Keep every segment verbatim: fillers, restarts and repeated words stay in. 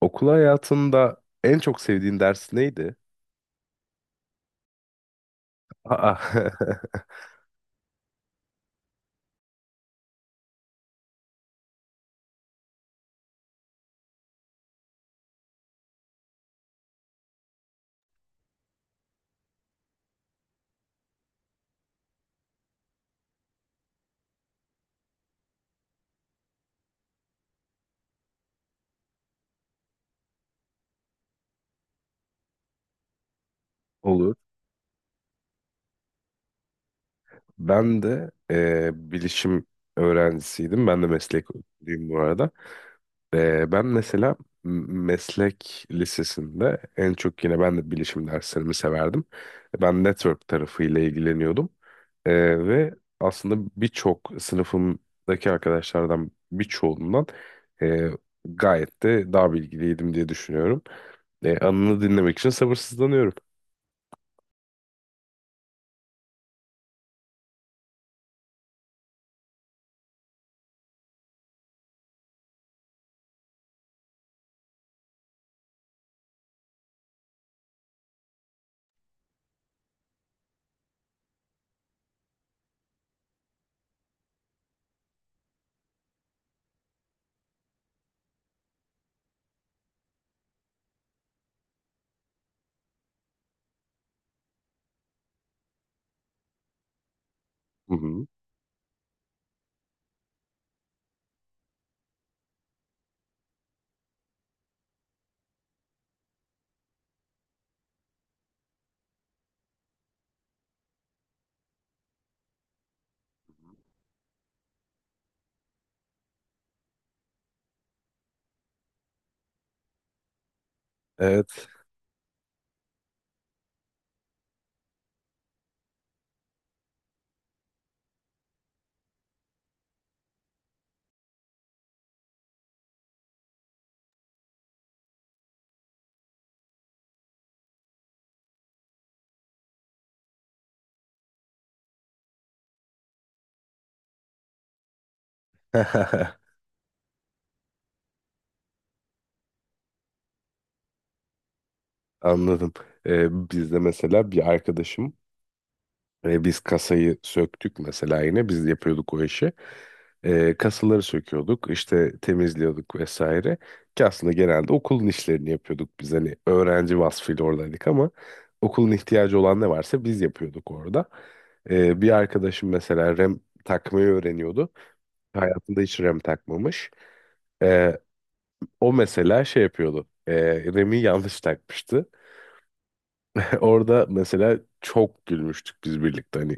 Okul hayatında en çok sevdiğin ders neydi? Aa, olur. Ben de eee, bilişim öğrencisiydim. Ben de meslek okuduyum bu arada. Eee, ben mesela m- meslek lisesinde en çok yine ben de bilişim derslerimi severdim. Ben network tarafıyla ilgileniyordum. Eee, ve aslında birçok sınıfımdaki arkadaşlardan birçoğundan eee, gayet de daha bilgiliydim diye düşünüyorum. Eee anını dinlemek için sabırsızlanıyorum. Hı hı. Evet. Anladım. Ee, bizde mesela bir arkadaşım e, biz kasayı söktük, mesela yine biz yapıyorduk o işi. Ee, kasaları söküyorduk, işte temizliyorduk vesaire. Ki aslında genelde okulun işlerini yapıyorduk biz, hani öğrenci vasfıyla oradaydık ama okulun ihtiyacı olan ne varsa biz yapıyorduk orada. Ee, bir arkadaşım mesela rem takmayı öğreniyordu. Hayatında hiç rem takmamış. Ee, O mesela şey yapıyordu. E, remi yanlış takmıştı. Orada mesela çok gülmüştük biz birlikte. Hani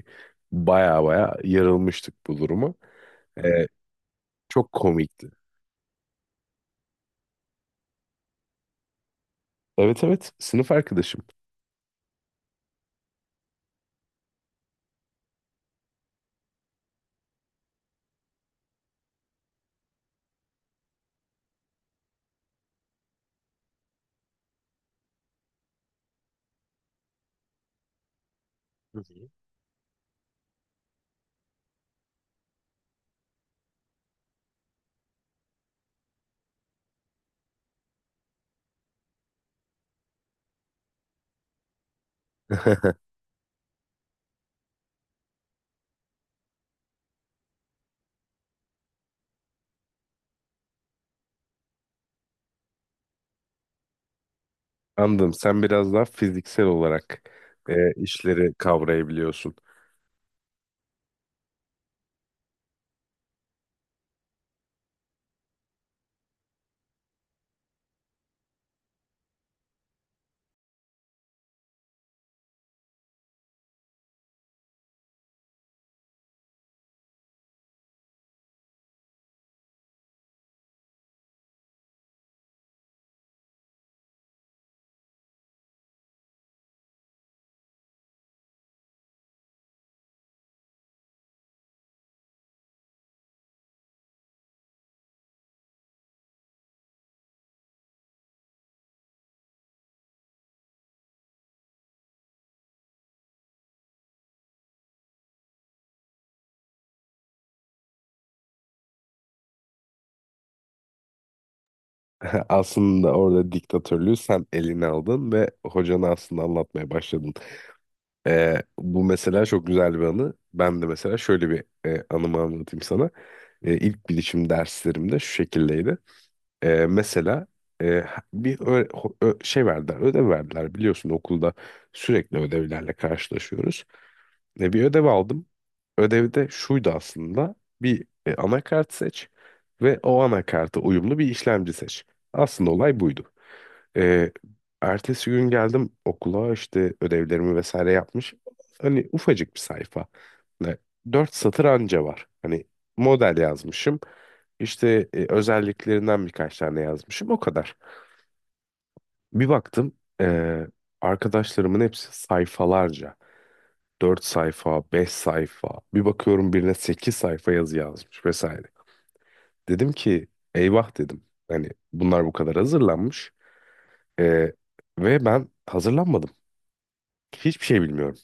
baya baya yarılmıştık bu duruma. Ee, Çok komikti. Evet, evet, sınıf arkadaşım. Hı hı. Anladım. Sen biraz daha fiziksel olarak e, işleri kavrayabiliyorsun. Aslında orada diktatörlüğü sen eline aldın ve hocanı aslında anlatmaya başladın. E, bu mesela çok güzel bir anı. Ben de mesela şöyle bir e, anımı anlatayım sana. E, ilk bilişim derslerimde şu şekildeydi. Ee, mesela e, bir ö- ö- şey verdiler, ödev verdiler, biliyorsun okulda sürekli ödevlerle karşılaşıyoruz. E, bir ödev aldım. Ödevi de şuydu aslında. Bir e, anakart seç ve o anakarta uyumlu bir işlemci seç. Aslında olay buydu. E, Ertesi gün geldim okula, işte ödevlerimi vesaire yapmış. Hani ufacık bir sayfa. Ne, dört satır anca var. Hani model yazmışım. İşte e, özelliklerinden birkaç tane yazmışım. O kadar. Bir baktım, e, arkadaşlarımın hepsi sayfalarca. Dört sayfa, beş sayfa. Bir bakıyorum birine sekiz sayfa yazı yazmış vesaire. Dedim ki, eyvah dedim. Hani bunlar bu kadar hazırlanmış. Ee, Ve ben hazırlanmadım. Hiçbir şey bilmiyorum.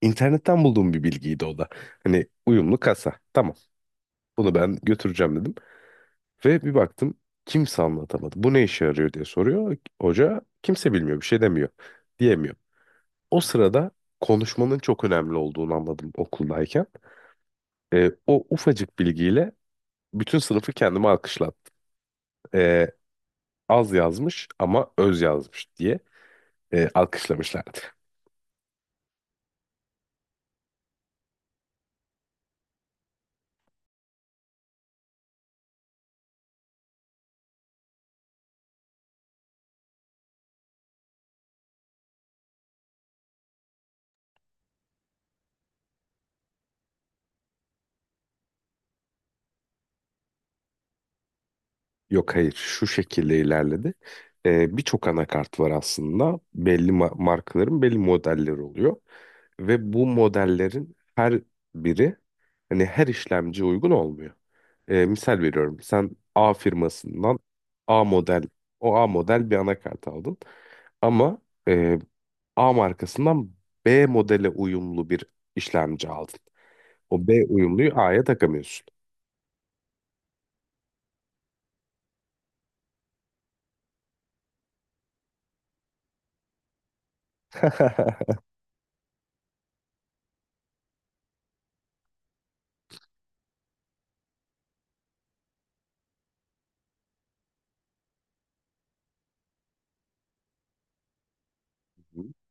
İnternetten bulduğum bir bilgiydi o da. Hani uyumlu kasa. Tamam, bunu ben götüreceğim dedim. Ve bir baktım kimse anlatamadı. Bu ne işe yarıyor diye soruyor. Hoca, kimse bilmiyor, bir şey demiyor. Diyemiyor. O sırada konuşmanın çok önemli olduğunu anladım, okuldayken. Ee, o ufacık bilgiyle bütün sınıfı kendime alkışlattı. Ee, Az yazmış ama öz yazmış diye e, alkışlamışlardı. Yok, hayır, şu şekilde ilerledi. Ee, birçok anakart var aslında. Belli ma- markaların belli modelleri oluyor. Ve bu modellerin her biri hani her işlemciye uygun olmuyor. Ee, misal veriyorum, sen A firmasından A model, o A model bir anakart aldın. Ama e, A markasından B modele uyumlu bir işlemci aldın. O B uyumluyu A'ya takamıyorsun.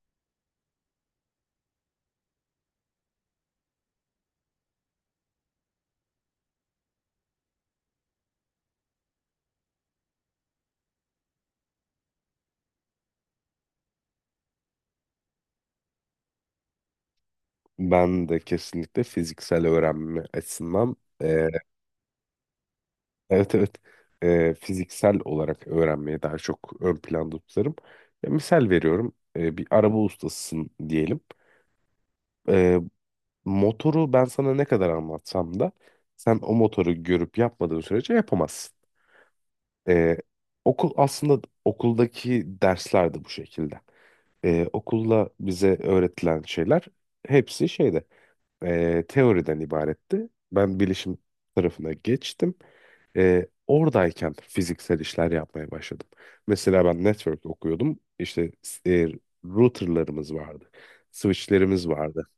Ben de kesinlikle fiziksel öğrenme açısından, eee, evet, evet, eee, fiziksel olarak öğrenmeyi daha çok ön planda tutarım. Ya, misal veriyorum, eee, bir araba ustasısın diyelim. Eee, Motoru ben sana ne kadar anlatsam da sen o motoru görüp yapmadığın sürece yapamazsın. Eee, Okul aslında, okuldaki dersler de bu şekilde. Eee, okulda bize öğretilen şeyler hepsi şeyde, e, teoriden ibaretti. Ben bilişim tarafına geçtim. E, oradayken fiziksel işler yapmaya başladım. Mesela ben network okuyordum. İşte e, routerlarımız vardı. Switchlerimiz vardı.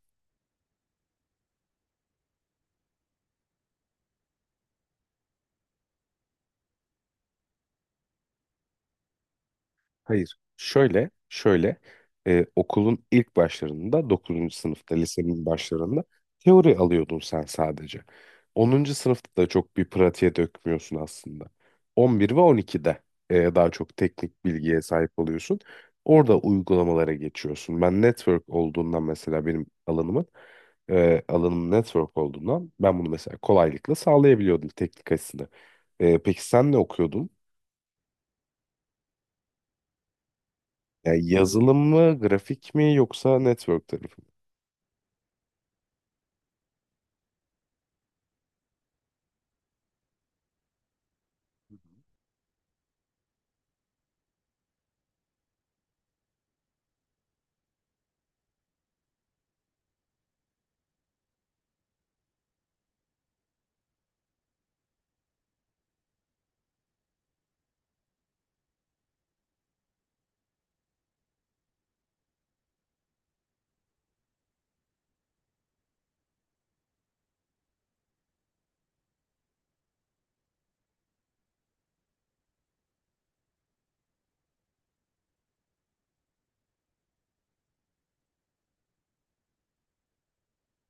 Hayır. Şöyle, şöyle, e, okulun ilk başlarında, dokuzuncu sınıfta, lisenin başlarında teori alıyordun sen sadece. Onuncu sınıfta da çok bir pratiğe dökmüyorsun aslında. On bir ve on ikide e, daha çok teknik bilgiye sahip oluyorsun. Orada uygulamalara geçiyorsun. Ben network olduğundan, mesela benim alanımın e, alanım network olduğundan, ben bunu mesela kolaylıkla sağlayabiliyordum teknik açısından. E, peki sen ne okuyordun? Ya yazılım mı, grafik mi, yoksa network tarafı mı?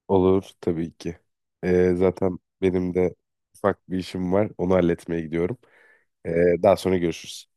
Olur, tabii ki. Ee, zaten benim de ufak bir işim var. Onu halletmeye gidiyorum. Ee, daha sonra görüşürüz.